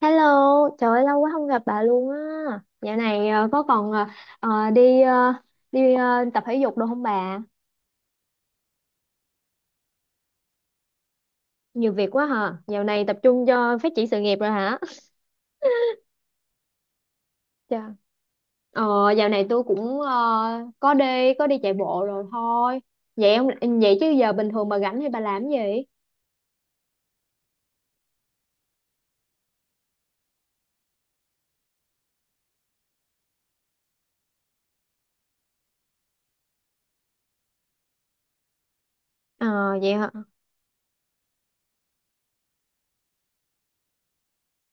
Hello, trời ơi, lâu quá không gặp bà luôn á. Dạo này có còn đi đi ờ, tập thể dục đâu không bà? Nhiều việc quá hả? Dạo này tập trung cho phát triển sự nghiệp rồi hả? Dạ. Ờ, dạo này tôi cũng có đi chạy bộ rồi thôi. Vậy ông vậy chứ giờ bình thường bà rảnh thì bà làm cái gì? Ờ, vậy hả?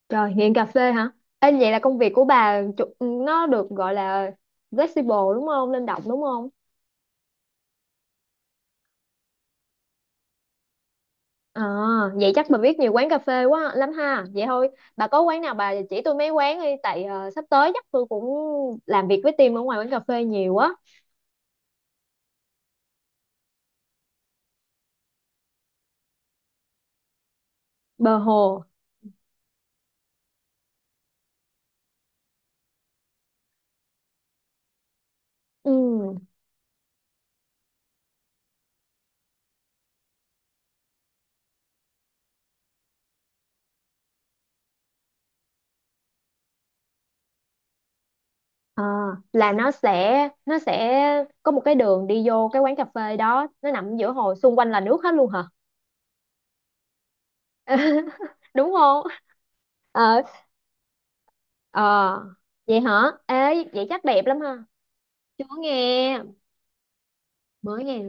Trời, nghiện cà phê hả? Ê, vậy là công việc của bà chủ- nó được gọi là flexible đúng không? Linh động đúng không? Ờ, vậy chắc bà biết nhiều quán cà phê quá lắm ha. Vậy thôi, bà có quán nào bà chỉ tôi mấy quán đi tại sắp tới chắc tôi cũng làm việc với team ở ngoài quán cà phê nhiều á. Bờ hồ. Ừ. Ờ, là nó sẽ có một cái đường đi vô cái quán cà phê đó, nó nằm giữa hồ, xung quanh là nước hết luôn hả? Đúng không? Ờ, ờ. Vậy hả? Ê, vậy chắc đẹp lắm ha. Chưa nghe, mới nghe.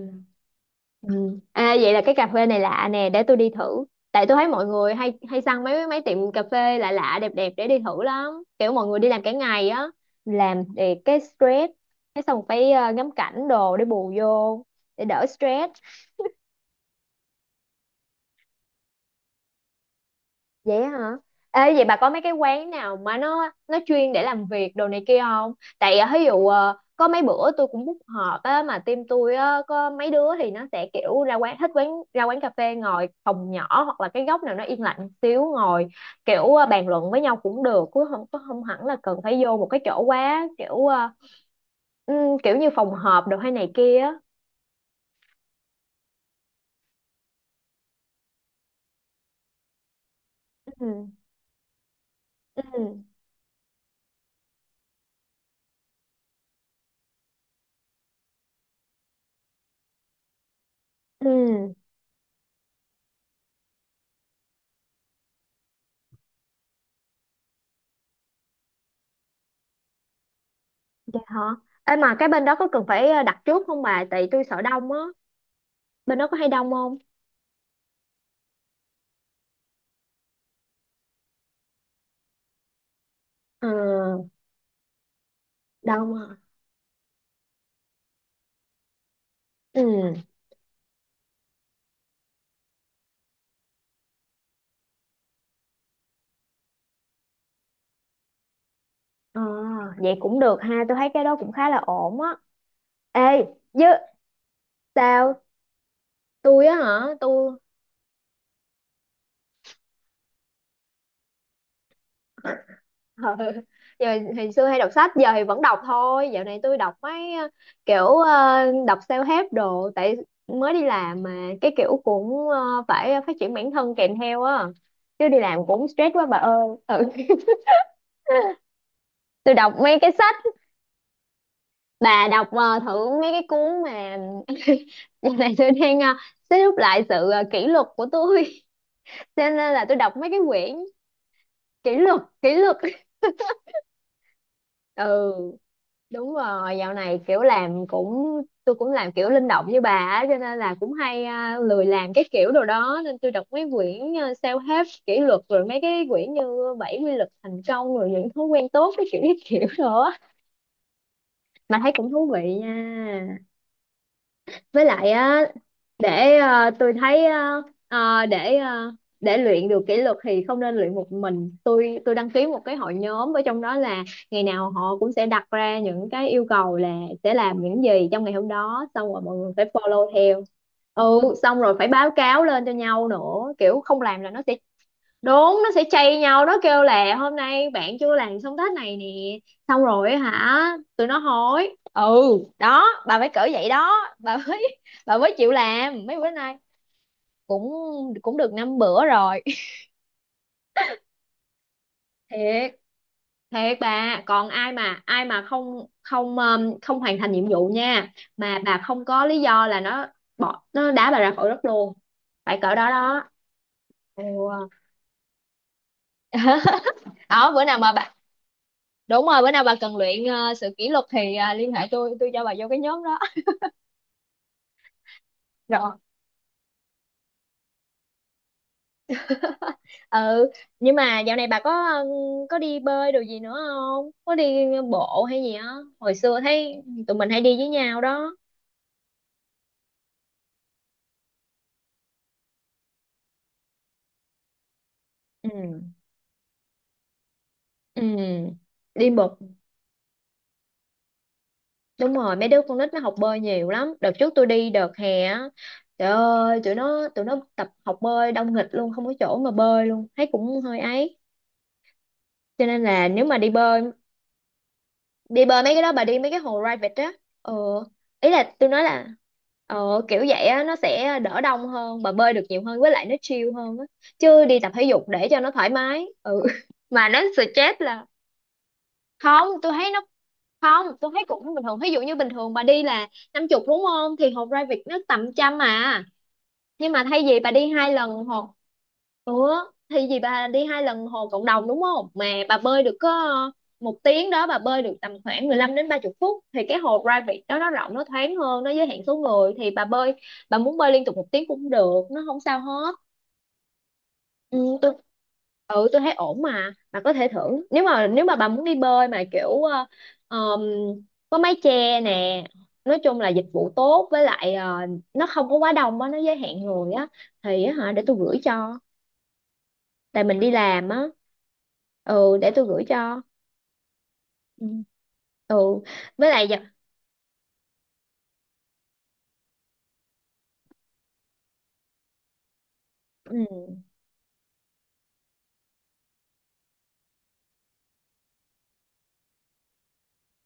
Ừ. À, vậy là cái cà phê này lạ nè để tôi đi thử tại tôi thấy mọi người hay hay săn mấy mấy tiệm cà phê lạ lạ đẹp đẹp để đi thử lắm kiểu mọi người đi làm cả ngày á làm để cái stress cái xong phải ngắm cảnh đồ để bù vô để đỡ stress. Vậy hả? Ê, vậy bà có mấy cái quán nào mà nó chuyên để làm việc đồ này kia không? Tại à, ví dụ có mấy bữa tôi cũng book họp á mà team tôi á có mấy đứa thì nó sẽ kiểu ra quán thích quán ra quán cà phê ngồi phòng nhỏ hoặc là cái góc nào nó yên lặng xíu ngồi kiểu bàn luận với nhau cũng được chứ không có không hẳn là cần phải vô một cái chỗ quá kiểu ừ, kiểu như phòng họp đồ hay này kia á. Ừ. Ừ. Ừ. Vậy hả? Ê mà cái bên đó có cần phải đặt trước không bà? Tại tôi sợ đông á. Bên đó có hay đông không? Ờ, đông à. Ừ. Ờ, vậy cũng được ha, tôi thấy cái đó cũng khá là ổn á. Ê, chứ sao tôi á hả tôi Ờ, giờ hồi xưa hay đọc sách giờ thì vẫn đọc thôi dạo này tôi đọc mấy kiểu đọc self-help đồ tại mới đi làm mà cái kiểu cũng phải phát triển bản thân kèm theo á chứ đi làm cũng stress quá bà ơi ừ. Tôi đọc mấy cái sách bà đọc thử mấy cái cuốn mà. Giờ này tôi đang xếp rút lại sự kỷ luật của tôi cho nên là tôi đọc mấy cái quyển kỷ luật kỷ luật. Ừ đúng rồi dạo này kiểu làm cũng tôi cũng làm kiểu linh động như bà á cho nên là cũng hay à, lười làm cái kiểu đồ đó nên tôi đọc mấy quyển self-help kỷ luật rồi mấy cái quyển như bảy quy luật thành công rồi những thói quen tốt cái kiểu đó mà thấy cũng thú vị nha với lại á để tôi thấy để để luyện được kỷ luật thì không nên luyện một mình tôi đăng ký một cái hội nhóm ở trong đó là ngày nào họ cũng sẽ đặt ra những cái yêu cầu là sẽ làm những gì trong ngày hôm đó xong rồi mọi người phải follow theo ừ xong rồi phải báo cáo lên cho nhau nữa kiểu không làm là nó sẽ đúng nó sẽ chây nhau nó kêu là hôm nay bạn chưa làm xong task này nè xong rồi á hả tụi nó hối ừ đó bà phải cỡ vậy đó bà mới bà mới chịu làm mấy bữa nay cũng cũng được 5 bữa rồi. Thiệt thiệt bà còn ai mà không không không hoàn thành nhiệm vụ nha mà bà không có lý do là nó bỏ nó đá bà ra khỏi đất luôn phải cỡ đó đó ừ. Đó bữa nào mà bà đúng rồi bữa nào bà cần luyện sự kỷ luật thì liên hệ tôi cho bà vô cái nhóm đó. Rồi. Ừ nhưng mà dạo này bà có có đi bơi đồ gì nữa không có đi bộ hay gì á hồi xưa thấy tụi mình hay đi với nhau đó. Ừ. Ừ đi bột đúng rồi mấy đứa con nít nó học bơi nhiều lắm đợt trước tôi đi đợt hè á trời ơi tụi nó tập học bơi đông nghịch luôn không có chỗ mà bơi luôn thấy cũng hơi ấy cho nên là nếu mà đi bơi mấy cái đó bà đi mấy cái hồ private á ờ ý là tôi nói là ờ kiểu vậy á nó sẽ đỡ đông hơn bà bơi được nhiều hơn với lại nó chill hơn á chứ đi tập thể dục để cho nó thoải mái ừ mà nó stress là không tôi thấy nó không tôi thấy cũng bình thường ví dụ như bình thường bà đi là 50 đúng không thì hồ private nó tầm 100 à nhưng mà thay vì bà đi hai lần hồ ủa thay vì bà đi hai lần hồ cộng đồng đúng không mà bà bơi được có một tiếng đó bà bơi được tầm khoảng 15 đến 30 phút thì cái hồ private đó nó rộng nó thoáng hơn nó giới hạn số người thì bà bơi bà muốn bơi liên tục một tiếng cũng được nó không sao hết. Ừ, tôi ừ tôi thấy ổn mà bà có thể thử nếu mà bà muốn đi bơi mà kiểu ờm, có mái che nè nói chung là dịch vụ tốt với lại nó không có quá đông á nó giới hạn người á thì á hả để tôi gửi cho tại mình đi làm á ừ để tôi gửi cho ừ ừ với lại giờ ừ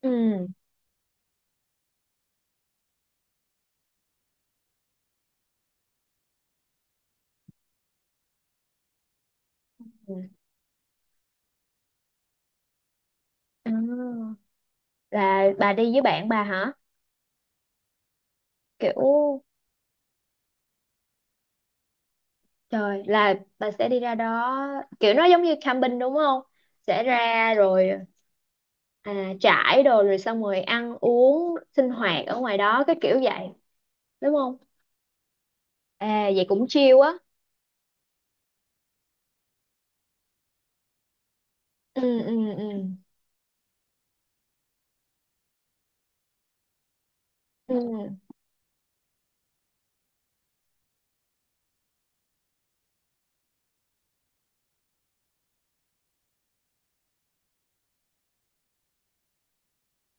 ừ ừ. À, là bà đi với bạn bà hả kiểu. Trời, là bà sẽ đi ra đó kiểu nó giống như camping đúng không? Sẽ ra rồi à, trải đồ rồi xong rồi ăn uống sinh hoạt ở ngoài đó cái kiểu vậy đúng không? À vậy cũng chill á. Ừ ừ ừ. Ừ.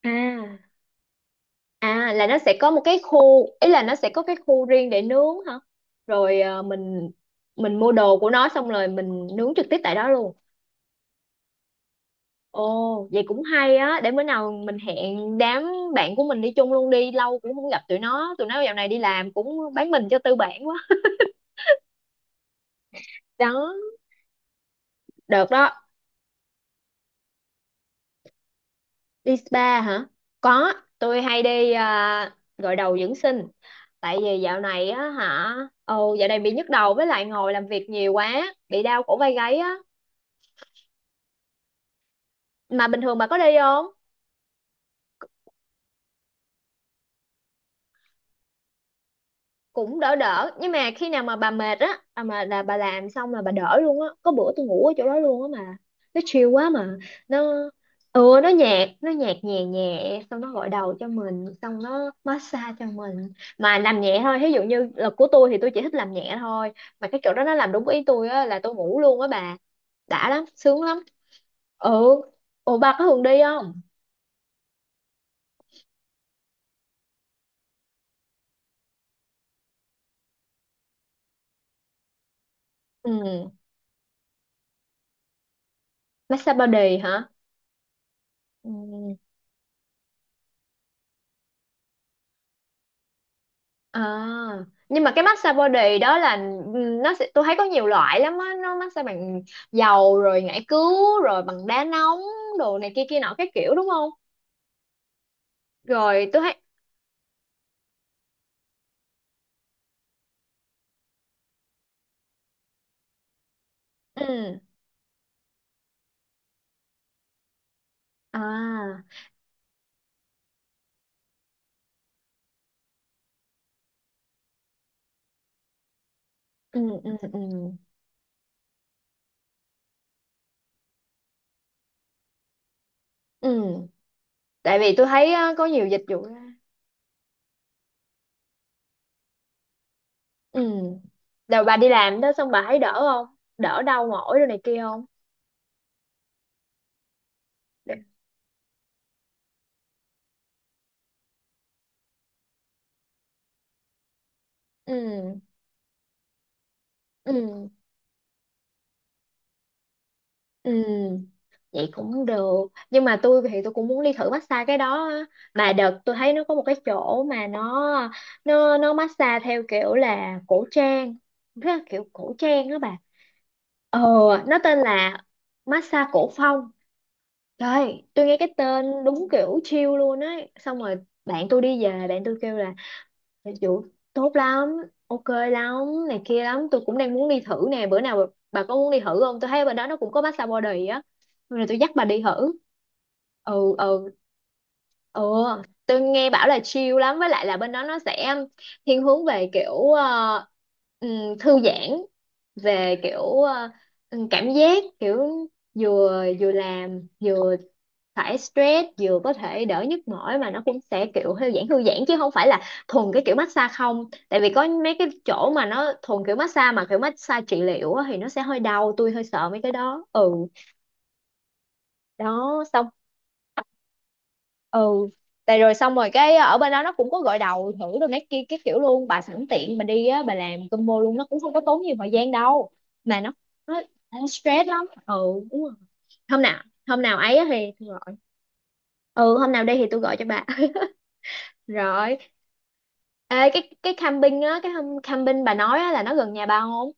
À, à là nó sẽ có một cái khu ý là nó sẽ có cái khu riêng để nướng hả? Rồi à, mình mua đồ của nó xong rồi mình nướng trực tiếp tại đó luôn. Ồ, vậy cũng hay á, để bữa nào mình hẹn đám bạn của mình đi chung luôn đi, lâu cũng không gặp tụi nó dạo này đi làm cũng bán mình cho tư bản quá. Đó, được đó, đi spa hả? Có, tôi hay đi à, gội đầu dưỡng sinh, tại vì dạo này á hả, ồ dạo này bị nhức đầu với lại ngồi làm việc nhiều quá, bị đau cổ vai gáy á. Mà bình thường bà có đi không? Cũng đỡ đỡ nhưng mà khi nào mà bà mệt á à mà là bà làm xong là bà đỡ luôn á có bữa tôi ngủ ở chỗ đó luôn á mà nó chill quá mà nó ừ nó nhạt nhẹ nhẹ xong nó gội đầu cho mình xong nó massage cho mình mà làm nhẹ thôi ví dụ như là của tôi thì tôi chỉ thích làm nhẹ thôi mà cái chỗ đó nó làm đúng ý tôi á là tôi ngủ luôn á bà đã lắm sướng lắm ừ ủa bà có thường đi không ừ massage body hả ừ. À, nhưng mà cái massage body đó là nó sẽ tôi thấy có nhiều loại lắm á, nó massage bằng dầu rồi ngải cứu rồi bằng đá nóng đồ này kia kia nọ cái kiểu đúng không? Rồi tôi thấy ừ à ừ ừ ừ ừ tại vì tôi thấy á, có nhiều dịch vụ ra. Ừ. Rồi bà đi làm đó xong bà thấy đỡ không? Đỡ đau mỏi đồ này kia không? Để- Ừ ừ Ừ, vậy cũng được. Nhưng mà tôi thì tôi cũng muốn đi thử massage cái đó á. Mà đợt tôi thấy nó có một cái chỗ mà nó massage theo kiểu là cổ trang, rất là kiểu cổ trang đó bà. Ờ, nó tên là massage cổ phong. Trời, tôi nghe cái tên đúng kiểu chill luôn ấy. Xong rồi bạn tôi đi về, bạn tôi kêu là Dạ chủ tốt lắm, ok lắm, này kia lắm, tôi cũng đang muốn đi thử nè, bữa nào bà có muốn đi thử không? Tôi thấy bên đó nó cũng có massage body á, rồi tôi dắt bà đi thử. Ừ ừ. Ừ, tôi nghe bảo là chill lắm với lại là bên đó nó sẽ thiên hướng về kiểu thư giãn về kiểu cảm giác kiểu vừa vừa làm vừa thải stress vừa có thể đỡ nhức mỏi mà nó cũng sẽ kiểu thư giãn chứ không phải là thuần cái kiểu massage không tại vì có mấy cái chỗ mà nó thuần kiểu massage mà kiểu massage trị liệu á, thì nó sẽ hơi đau tôi hơi sợ mấy cái đó ừ đó xong ừ tại rồi xong rồi cái ở bên đó nó cũng có gội đầu thử đồ này kia cái kiểu luôn bà sẵn tiện bà đi á bà làm combo luôn nó cũng không có tốn nhiều thời gian đâu mà nó nó, nó stress lắm ừ đúng rồi hôm nào ấy á thì tôi gọi ừ hôm nào đi thì tôi gọi cho bà rồi. Ê, cái camping á cái hôm camping bà nói á, là nó gần nhà bà không?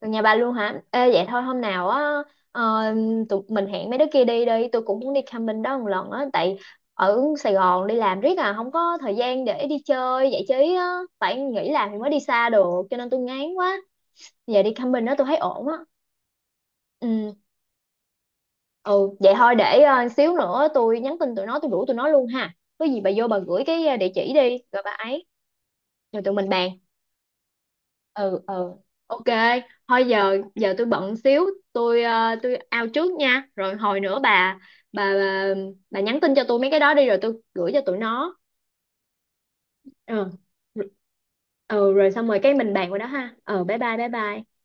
Từ nhà bà luôn hả? Ê vậy thôi hôm nào á ờ, tụi mình hẹn mấy đứa kia đi đi, tôi cũng muốn đi camping đó một lần á tại ở Sài Gòn đi làm riết à không có thời gian để đi chơi giải trí á, phải nghỉ làm thì mới đi xa được cho nên tôi ngán quá. Giờ đi camping đó tôi thấy ổn á. Ừ, ừ vậy thôi để xíu nữa tôi nhắn tin tụi nó tôi rủ tụi nó luôn ha. Có gì bà vô bà gửi cái địa chỉ đi rồi bà ấy rồi tụi mình bàn. Ừ ừ ok thôi giờ giờ tôi bận xíu tôi tôi out trước nha rồi hồi nữa bà bà bà, bà nhắn tin cho tôi mấy cái đó đi rồi tôi gửi cho tụi nó ừ ừ rồi xong rồi cái mình bàn qua đó ha ừ bye bye bye bye.